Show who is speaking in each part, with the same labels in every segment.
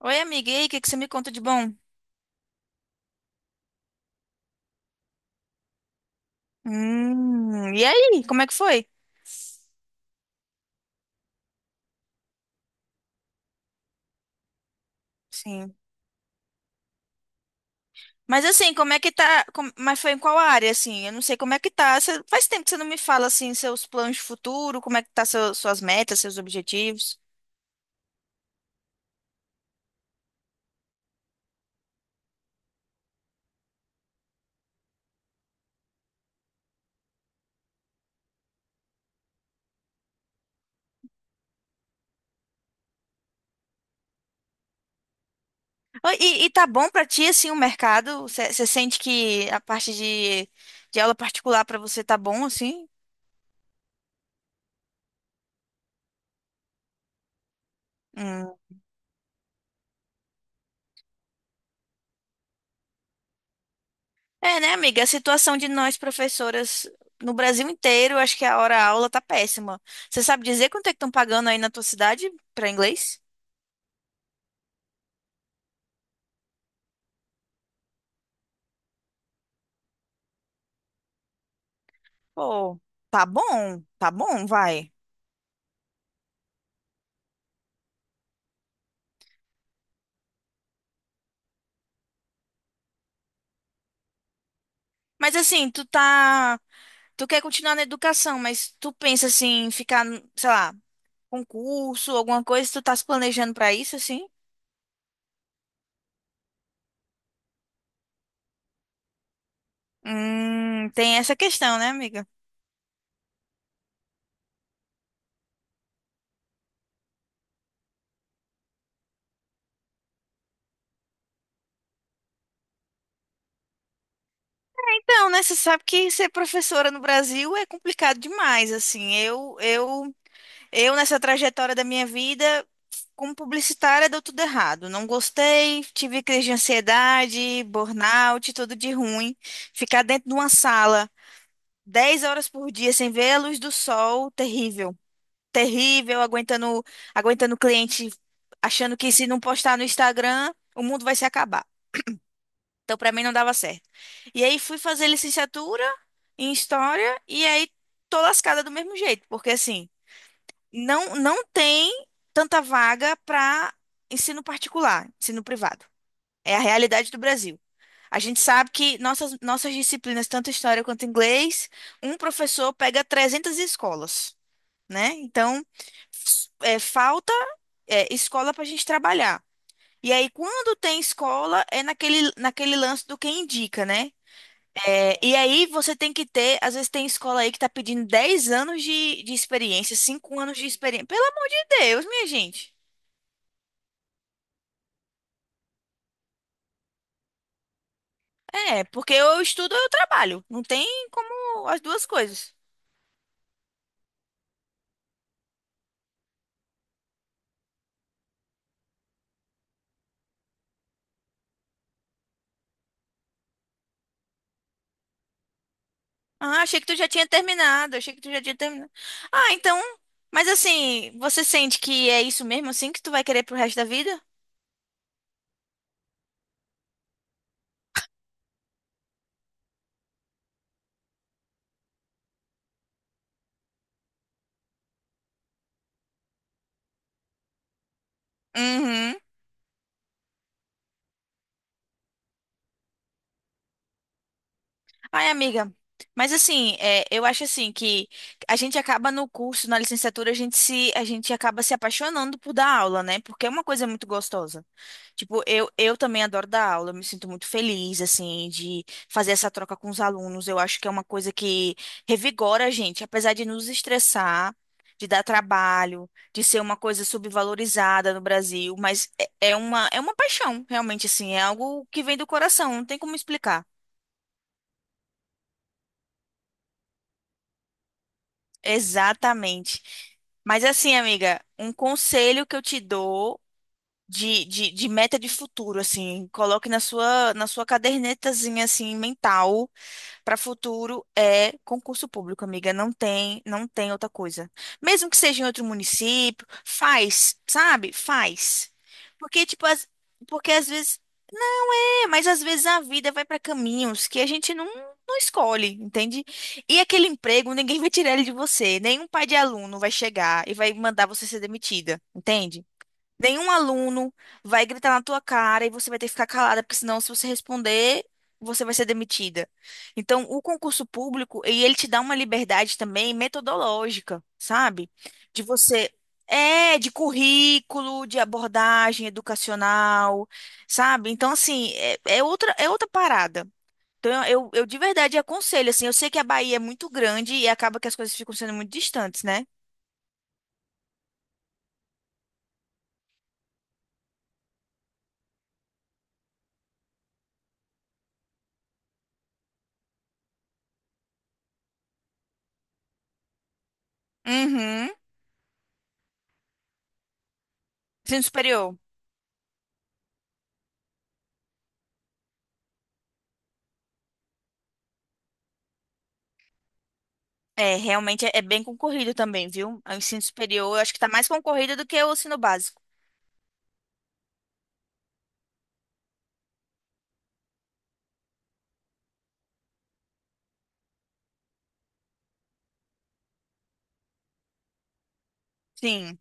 Speaker 1: Oi, amiga, e aí, o que que você me conta de bom? E aí, como é que foi? Sim. Mas assim, como é que tá? Mas foi em qual área, assim? Eu não sei como é que tá. Faz tempo que você não me fala, assim, seus planos de futuro, como é que tá suas metas, seus objetivos. Oi, e tá bom pra ti, assim, o mercado? Você sente que a parte de aula particular pra você tá bom, assim? Hum. É, né, amiga? A situação de nós, professoras, no Brasil inteiro, acho que a hora-aula tá péssima. Você sabe dizer quanto é que estão pagando aí na tua cidade pra inglês? Pô, tá bom, vai. Mas assim, tu tá. Tu quer continuar na educação, mas tu pensa assim, em ficar, sei lá, concurso, alguma coisa, tu tá se planejando pra isso, assim? Tem essa questão, né, amiga? Então, né, você sabe que ser professora no Brasil é complicado demais, assim. Eu, nessa trajetória da minha vida, como publicitária, deu tudo errado. Não gostei, tive crise de ansiedade, burnout, tudo de ruim. Ficar dentro de uma sala 10 horas por dia sem ver a luz do sol, terrível. Terrível, aguentando, aguentando o cliente, achando que se não postar no Instagram, o mundo vai se acabar. Então, para mim, não dava certo. E aí, fui fazer licenciatura em História, e aí, tô lascada do mesmo jeito, porque assim não tem tanta vaga para ensino particular, ensino privado. É a realidade do Brasil. A gente sabe que nossas disciplinas, tanto história quanto inglês, um professor pega 300 escolas, né? Então, é, falta é, escola para a gente trabalhar. E aí, quando tem escola, é naquele lance do quem indica, né? É, e aí você tem que ter, às vezes tem escola aí que tá pedindo 10 anos de experiência, 5 anos de experiência. Pelo amor de Deus, minha gente. É, porque eu estudo ou eu trabalho. Não tem como as duas coisas. Ah, achei que tu já tinha terminado, achei que tu já tinha terminado. Ah, então, mas assim, você sente que é isso mesmo assim que tu vai querer pro resto da vida? Uhum. Ai, amiga, mas assim, é, eu acho assim que a gente acaba no curso, na licenciatura, a gente acaba se apaixonando por dar aula, né? Porque é uma coisa muito gostosa. Tipo, eu também adoro dar aula, eu me sinto muito feliz, assim, de fazer essa troca com os alunos. Eu acho que é uma coisa que revigora a gente, apesar de nos estressar, de dar trabalho, de ser uma coisa subvalorizada no Brasil, mas é uma paixão, realmente, assim, é algo que vem do coração, não tem como explicar. Exatamente. Mas assim, amiga, um conselho que eu te dou de meta de futuro, assim, coloque na sua cadernetazinha, assim, mental para futuro é concurso público, amiga. Não tem outra coisa. Mesmo que seja em outro município, faz, sabe? Faz. Porque, tipo, porque às vezes é, mas às vezes a vida vai para caminhos que a gente não escolhe, entende? E aquele emprego, ninguém vai tirar ele de você. Nenhum pai de aluno vai chegar e vai mandar você ser demitida, entende? Nenhum aluno vai gritar na tua cara e você vai ter que ficar calada, porque senão, se você responder, você vai ser demitida. Então, o concurso público, e ele te dá uma liberdade também metodológica, sabe? De você. É, de currículo, de abordagem educacional, sabe? Então, assim, é outra parada. Então, eu de verdade aconselho, assim, eu sei que a Bahia é muito grande e acaba que as coisas ficam sendo muito distantes, né? Uhum. Ensino superior. É, realmente é bem concorrido também, viu? É o ensino superior, eu acho que tá mais concorrido do que o ensino básico. Sim.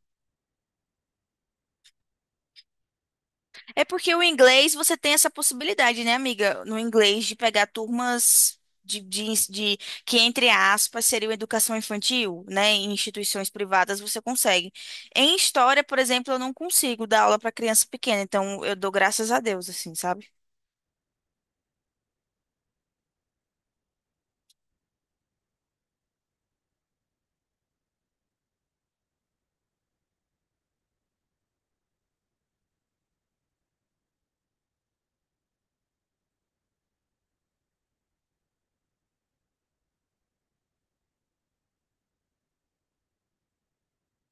Speaker 1: É porque o inglês você tem essa possibilidade, né, amiga? No inglês de pegar turmas de que, entre aspas, seriam educação infantil, né? Em instituições privadas você consegue. Em história, por exemplo, eu não consigo dar aula para criança pequena, então eu dou graças a Deus, assim, sabe?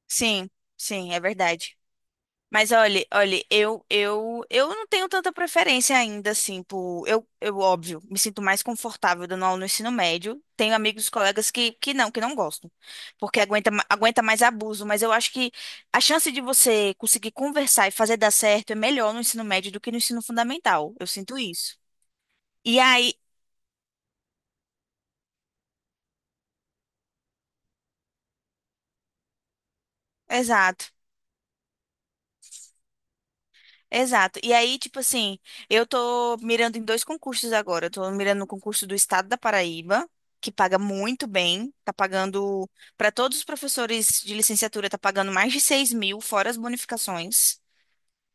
Speaker 1: Sim, sim, é verdade. Mas olha, olha, eu não tenho tanta preferência ainda, assim, eu, óbvio, me sinto mais confortável dando aula no ensino médio. Tenho amigos, colegas que não gostam, porque aguenta, aguenta mais abuso, mas eu acho que a chance de você conseguir conversar e fazer dar certo é melhor no ensino médio do que no ensino fundamental. Eu sinto isso. E aí, exato. Exato. E aí, tipo assim, eu tô mirando em dois concursos agora. Eu tô mirando no concurso do Estado da Paraíba, que paga muito bem. Tá pagando, para todos os professores de licenciatura, tá pagando mais de 6 mil, fora as bonificações.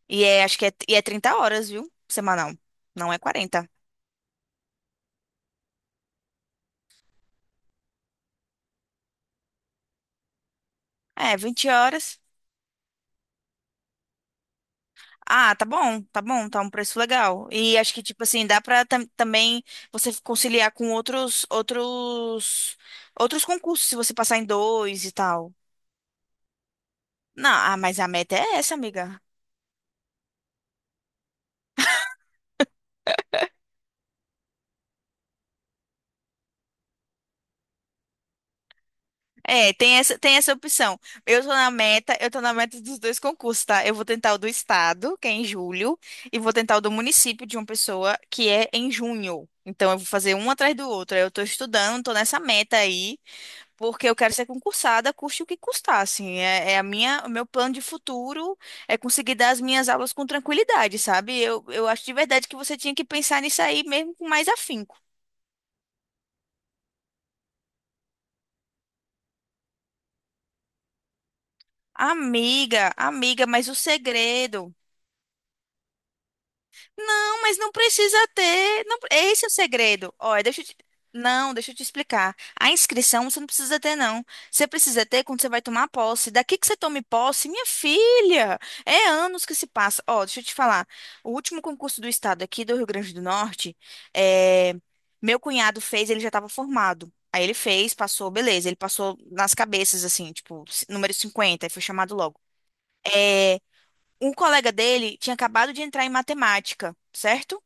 Speaker 1: E é, acho que é, e é 30 horas, viu? Semanal. Não é 40. É, 20 horas. Ah, tá bom, tá bom, tá um preço legal. E acho que, tipo assim, dá pra também você conciliar com outros concursos, se você passar em dois e tal. Não, ah, mas a meta é essa, amiga. É, tem essa opção. Eu tô na meta dos dois concursos, tá? Eu vou tentar o do estado, que é em julho, e vou tentar o do município de uma pessoa, que é em junho. Então eu vou fazer um atrás do outro. Aí eu tô estudando, tô nessa meta aí, porque eu quero ser concursada, custe o que custar, assim. É a minha, o meu plano de futuro é conseguir dar as minhas aulas com tranquilidade, sabe? Eu acho de verdade que você tinha que pensar nisso aí mesmo com mais afinco. Amiga, amiga, mas o segredo. Não, mas não precisa ter. Não, esse é o segredo. Olha, deixa eu te... Não, deixa eu te explicar. A inscrição você não precisa ter, não. Você precisa ter quando você vai tomar posse. Daqui que você tome posse, minha filha, é anos que se passa. Ó, deixa eu te falar. O último concurso do estado aqui do Rio Grande do Norte, é, meu cunhado fez, ele já estava formado. Aí ele fez, passou, beleza. Ele passou nas cabeças, assim, tipo, número 50, aí foi chamado logo. Eh, um colega dele tinha acabado de entrar em matemática, certo?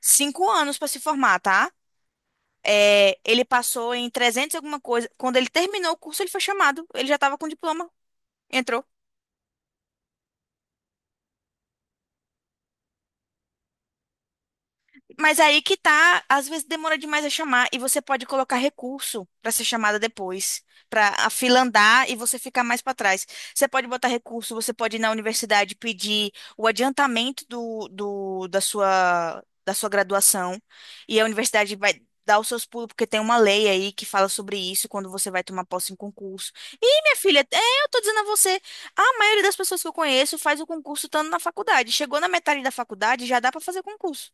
Speaker 1: 5 anos para se formar, tá? É, ele passou em 300 e alguma coisa. Quando ele terminou o curso, ele foi chamado. Ele já estava com diploma. Entrou. Mas aí que tá, às vezes demora demais a chamar e você pode colocar recurso para ser chamada depois, para a fila andar e você ficar mais para trás. Você pode botar recurso, você pode ir na universidade pedir o adiantamento da sua graduação e a universidade vai dar os seus pulos, porque tem uma lei aí que fala sobre isso quando você vai tomar posse em concurso. E, minha filha, eu tô dizendo a você, a maioria das pessoas que eu conheço faz o concurso estando na faculdade. Chegou na metade da faculdade, já dá para fazer concurso.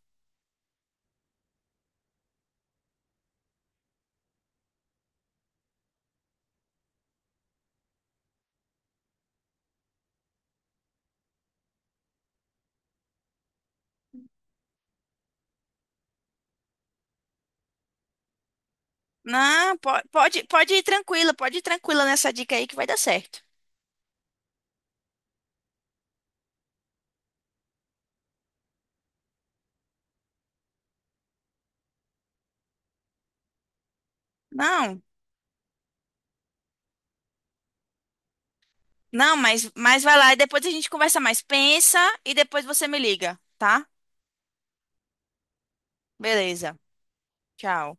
Speaker 1: Não, pode ir tranquila, pode ir tranquila nessa dica aí que vai dar certo. Não, não, mas vai lá e depois a gente conversa mais. Pensa e depois você me liga, tá? Beleza. Tchau.